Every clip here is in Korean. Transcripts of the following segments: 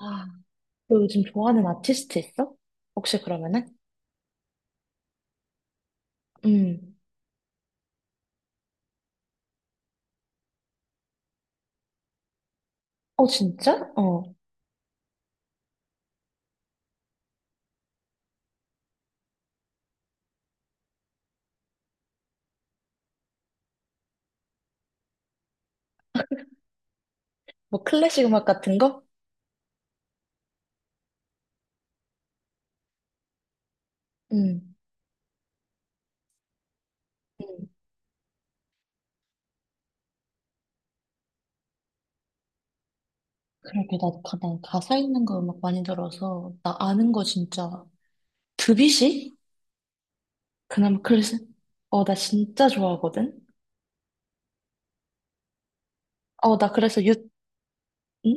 아, 너 요즘 좋아하는 아티스트 있어? 혹시 그러면은? 음. 어, 진짜? 어. 뭐 클래식 음악 같은 거? 음. 음. 그러게, 나, 가, 난 가사 있는 거 음악 많이 들어서, 나 아는 거 진짜. 드뷔시? 그나마 클래식? 어, 나 진짜 좋아하거든? 어, 나 그래서 유, 응?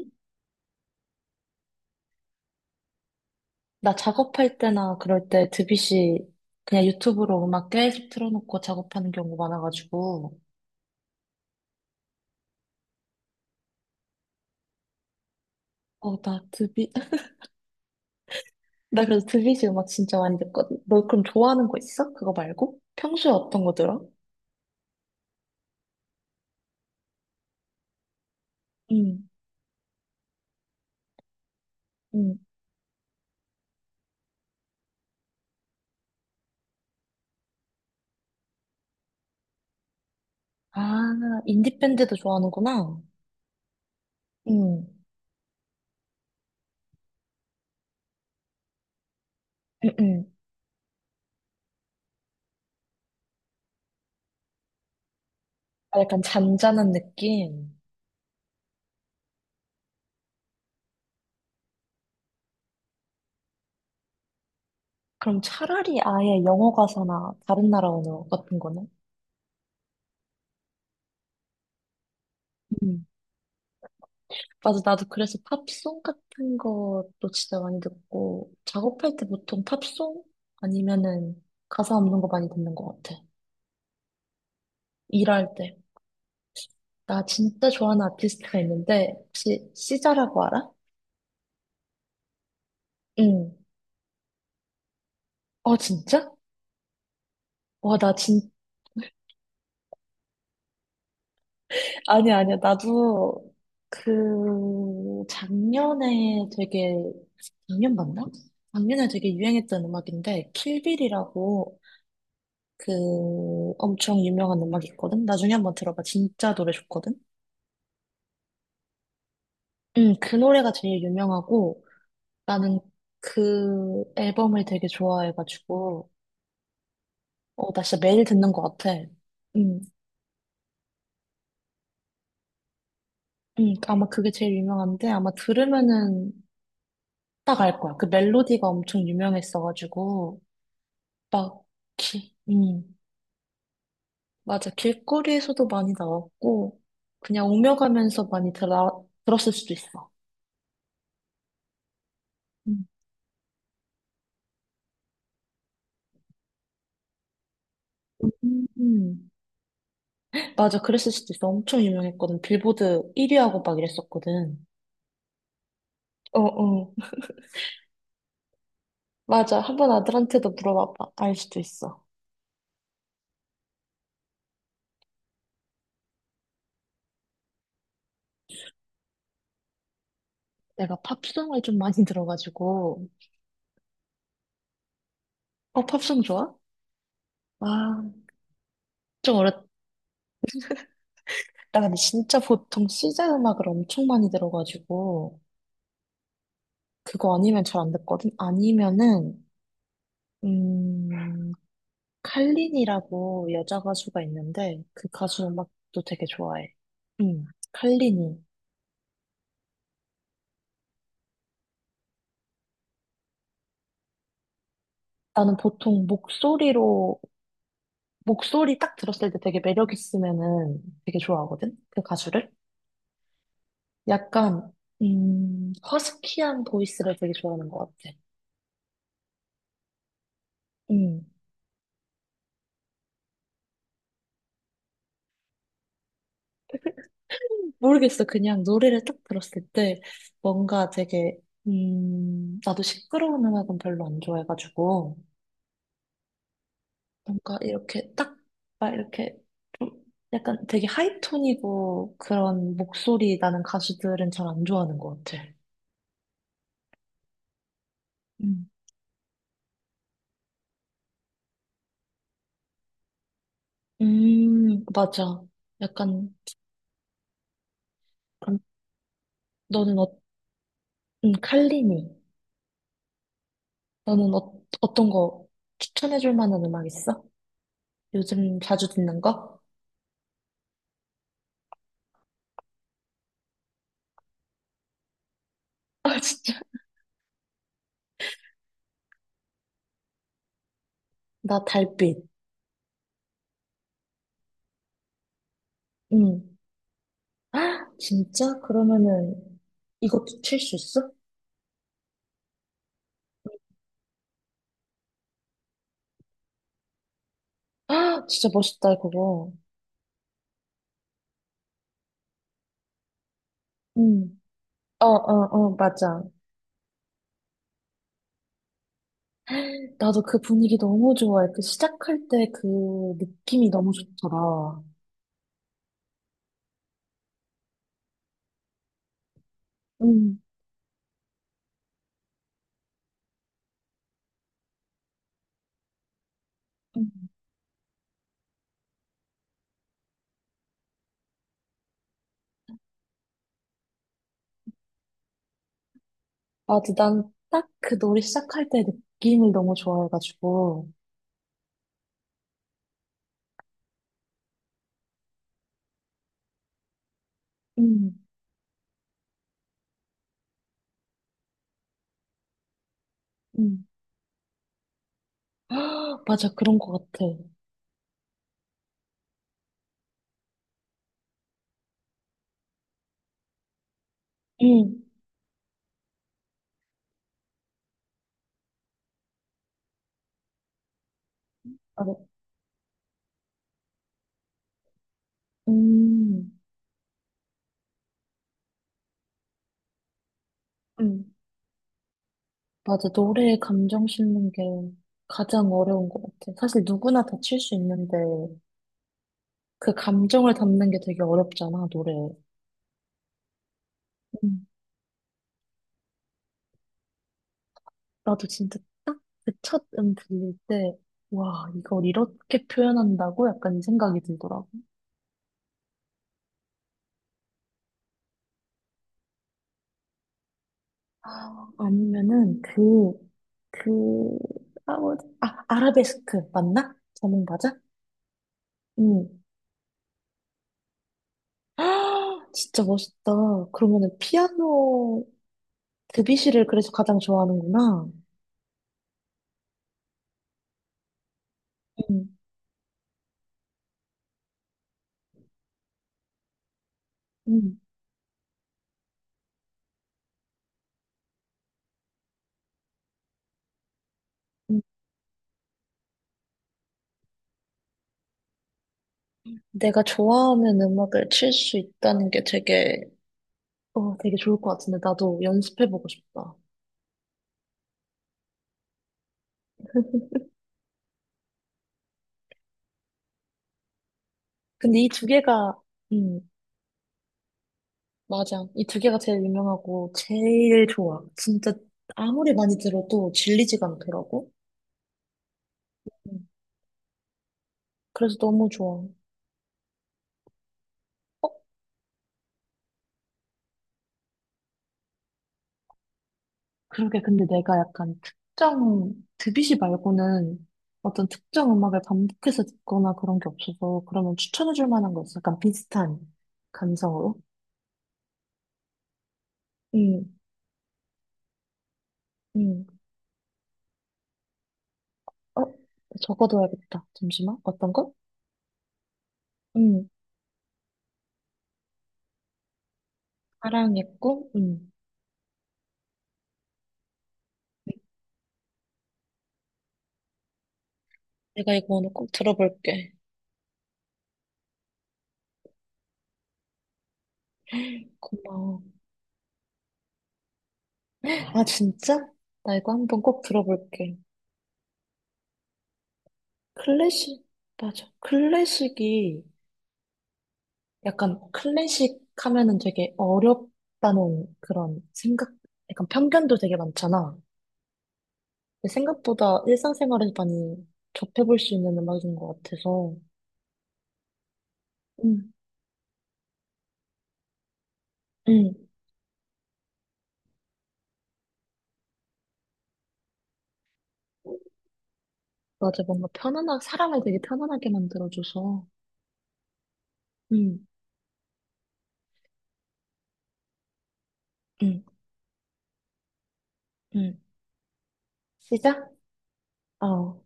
나 작업할 때나 그럴 때 드뷔시 그냥 유튜브로 음악 계속 틀어놓고 작업하는 경우 많아가지고. 어, 나 드뷔, 나 그래서 드비지 음악 진짜 많이 듣거든. 너 그럼 좋아하는 거 있어? 그거 말고? 평소에 어떤 거 들어? 응, 응. 아, 인디밴드도 좋아하는구나. 응, 응, 응. 아, 약간 잔잔한 느낌. 그럼 차라리 아예 영어 가사나 다른 나라 언어 같은 거는? 응. 맞아, 나도 그래서 팝송 같은 것도 진짜 많이 듣고, 작업할 때 보통 팝송? 아니면은 가사 없는 거 많이 듣는 것 같아. 일할 때. 나 진짜 좋아하는 아티스트가 있는데, 혹시 시자라고 알아? 응. 어, 진짜? 와, 나 진, 아니, 야 아니야, 아니야. 나도 그, 작년에 되게, 작년 맞나? 작년에 되게 유행했던 음악인데, 킬빌이라고 그 엄청 유명한 음악이 있거든? 나중에 한번 들어봐. 진짜 노래 좋거든? 응, 그 노래가 제일 유명하고, 나는 그 앨범을 되게 좋아해가지고, 어, 나 진짜 매일 듣는 것 같아. 응. 아마 그게 제일 유명한데 아마 들으면은 딱 알 거야. 그 멜로디가 엄청 유명했어가지고 막 기, 맞아. 길거리에서도 많이 나왔고 그냥 오며가면서 많이 들어, 들었을 수도 있어. 음. 음. 맞아. 그랬을 수도 있어. 엄청 유명했거든. 빌보드 1위하고 막 이랬었거든. 어, 어. 맞아. 한번 아들한테도 물어봐봐. 알 수도 있어. 내가 팝송을 좀 많이 들어가지고. 어, 팝송 좋아? 아, 좀 어렸, 나 근데 진짜 보통 시제 음악을 엄청 많이 들어가지고 그거 아니면 잘 안 듣거든. 아니면은 음 칼린이라고 여자 가수가 있는데 그 가수 음악도 되게 좋아해. 음 칼린이. 나는 보통 목소리로 목소리 딱 들었을 때 되게 매력 있으면은 되게 좋아하거든. 그 가수를. 약간 허스키한 보이스를 되게 좋아하는 것 같아. 음 모르겠어. 그냥 노래를 딱 들었을 때 뭔가 되게, 나도 시끄러운 음악은 별로 안 좋아해가지고, 뭔가 이렇게 딱, 막 이렇게 좀 약간 되게 하이톤이고 그런 목소리 나는 가수들은 잘 안 좋아하는 것 같아. 음, 맞아. 약간, 그럼 너는 어, 칼리니. 너는 어, 어떤 거 추천해줄 만한 음악 있어? 요즘 자주 듣는 거? 아, 진짜? 나 달빛. 응. 헉, 진짜? 그러면은 이것도 칠 수 있어? 아, 진짜 멋있다, 그거. 응. 어, 어, 어, 맞아. 나도 그 분위기 너무 좋아해. 그 시작할 때 그 느낌이 너무 좋더라. 응, 응. 맞아. 난 딱 그 노래 시작할 때 느낌을 너무 좋아해가지고. 응, 응. 아, 맞아. 그런 것 같아. 응. 맞아. 음, 응. 맞아. 노래에 감정 싣는 게 가장 어려운 것 같아. 사실 누구나 다 칠 수 있는데 그 감정을 담는 게 되게 어렵잖아, 노래. 음, 나도 진짜 딱 그 첫 들릴 때, 와, 이걸 이렇게 표현한다고? 약간 이 생각이 들더라고. 아, 아니면은 그, 그, 아, 뭐지? 아, 아라베스크 맞나? 제목 맞아? 응. 아, 진짜 멋있다. 그러면은 피아노 드뷔시를 그래서 가장 좋아하는구나. 음, 음. 내가 좋아하는 음악을 칠 수 있다는 게 되게, 어, 되게 좋을 것 같은데, 나도 연습해보고 싶다. 근데 이 두 개가, 음, 맞아. 이 두 개가 제일 유명하고, 제일 좋아. 진짜, 아무리 많이 들어도 질리지가 않더라고. 음, 그래서 너무 좋아. 어? 그러게, 근데 내가 약간 특정, 드뷔시 말고는 어떤 특정 음악을 반복해서 듣거나 그런 게 없어서, 그러면 추천해줄 만한 거 있어? 약간 비슷한 감성으로? 응응 어, 적어둬야겠다. 잠시만. 어떤 거? 응, 사랑했고, 응. 내가 이거 오늘 꼭 들어볼게. 고마워. 아, 진짜? 나 이거 한번 꼭 들어볼게. 클래식, 맞아. 클래식이, 약간 클래식 하면은 되게 어렵다는 그런 생각, 약간 편견도 되게 많잖아. 근데 생각보다 일상생활에서 많이 접해볼 수 있는 음악인 것 같아서. 응, 응. 맞아. 뭔가 편안하게, 사람을 되게 편안하게 만들어줘서. 응, 응, 응. 시작? 어,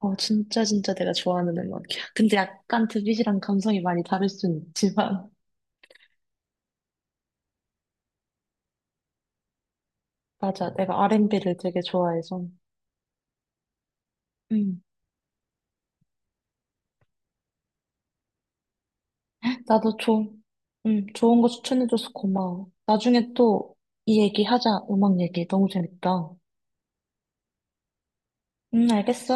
어, 진짜, 진짜 내가 좋아하는 음악이야. 근데 약간 드빗이랑 감성이 많이 다를 순 있지만. 맞아, 내가 R&B를 되게 좋아해서. 응, 나도 좋, 응, 좋은 거 추천해줘서 고마워. 나중에 또 이 얘기 하자, 음악 얘기. 너무 재밌다. 응, 알겠어.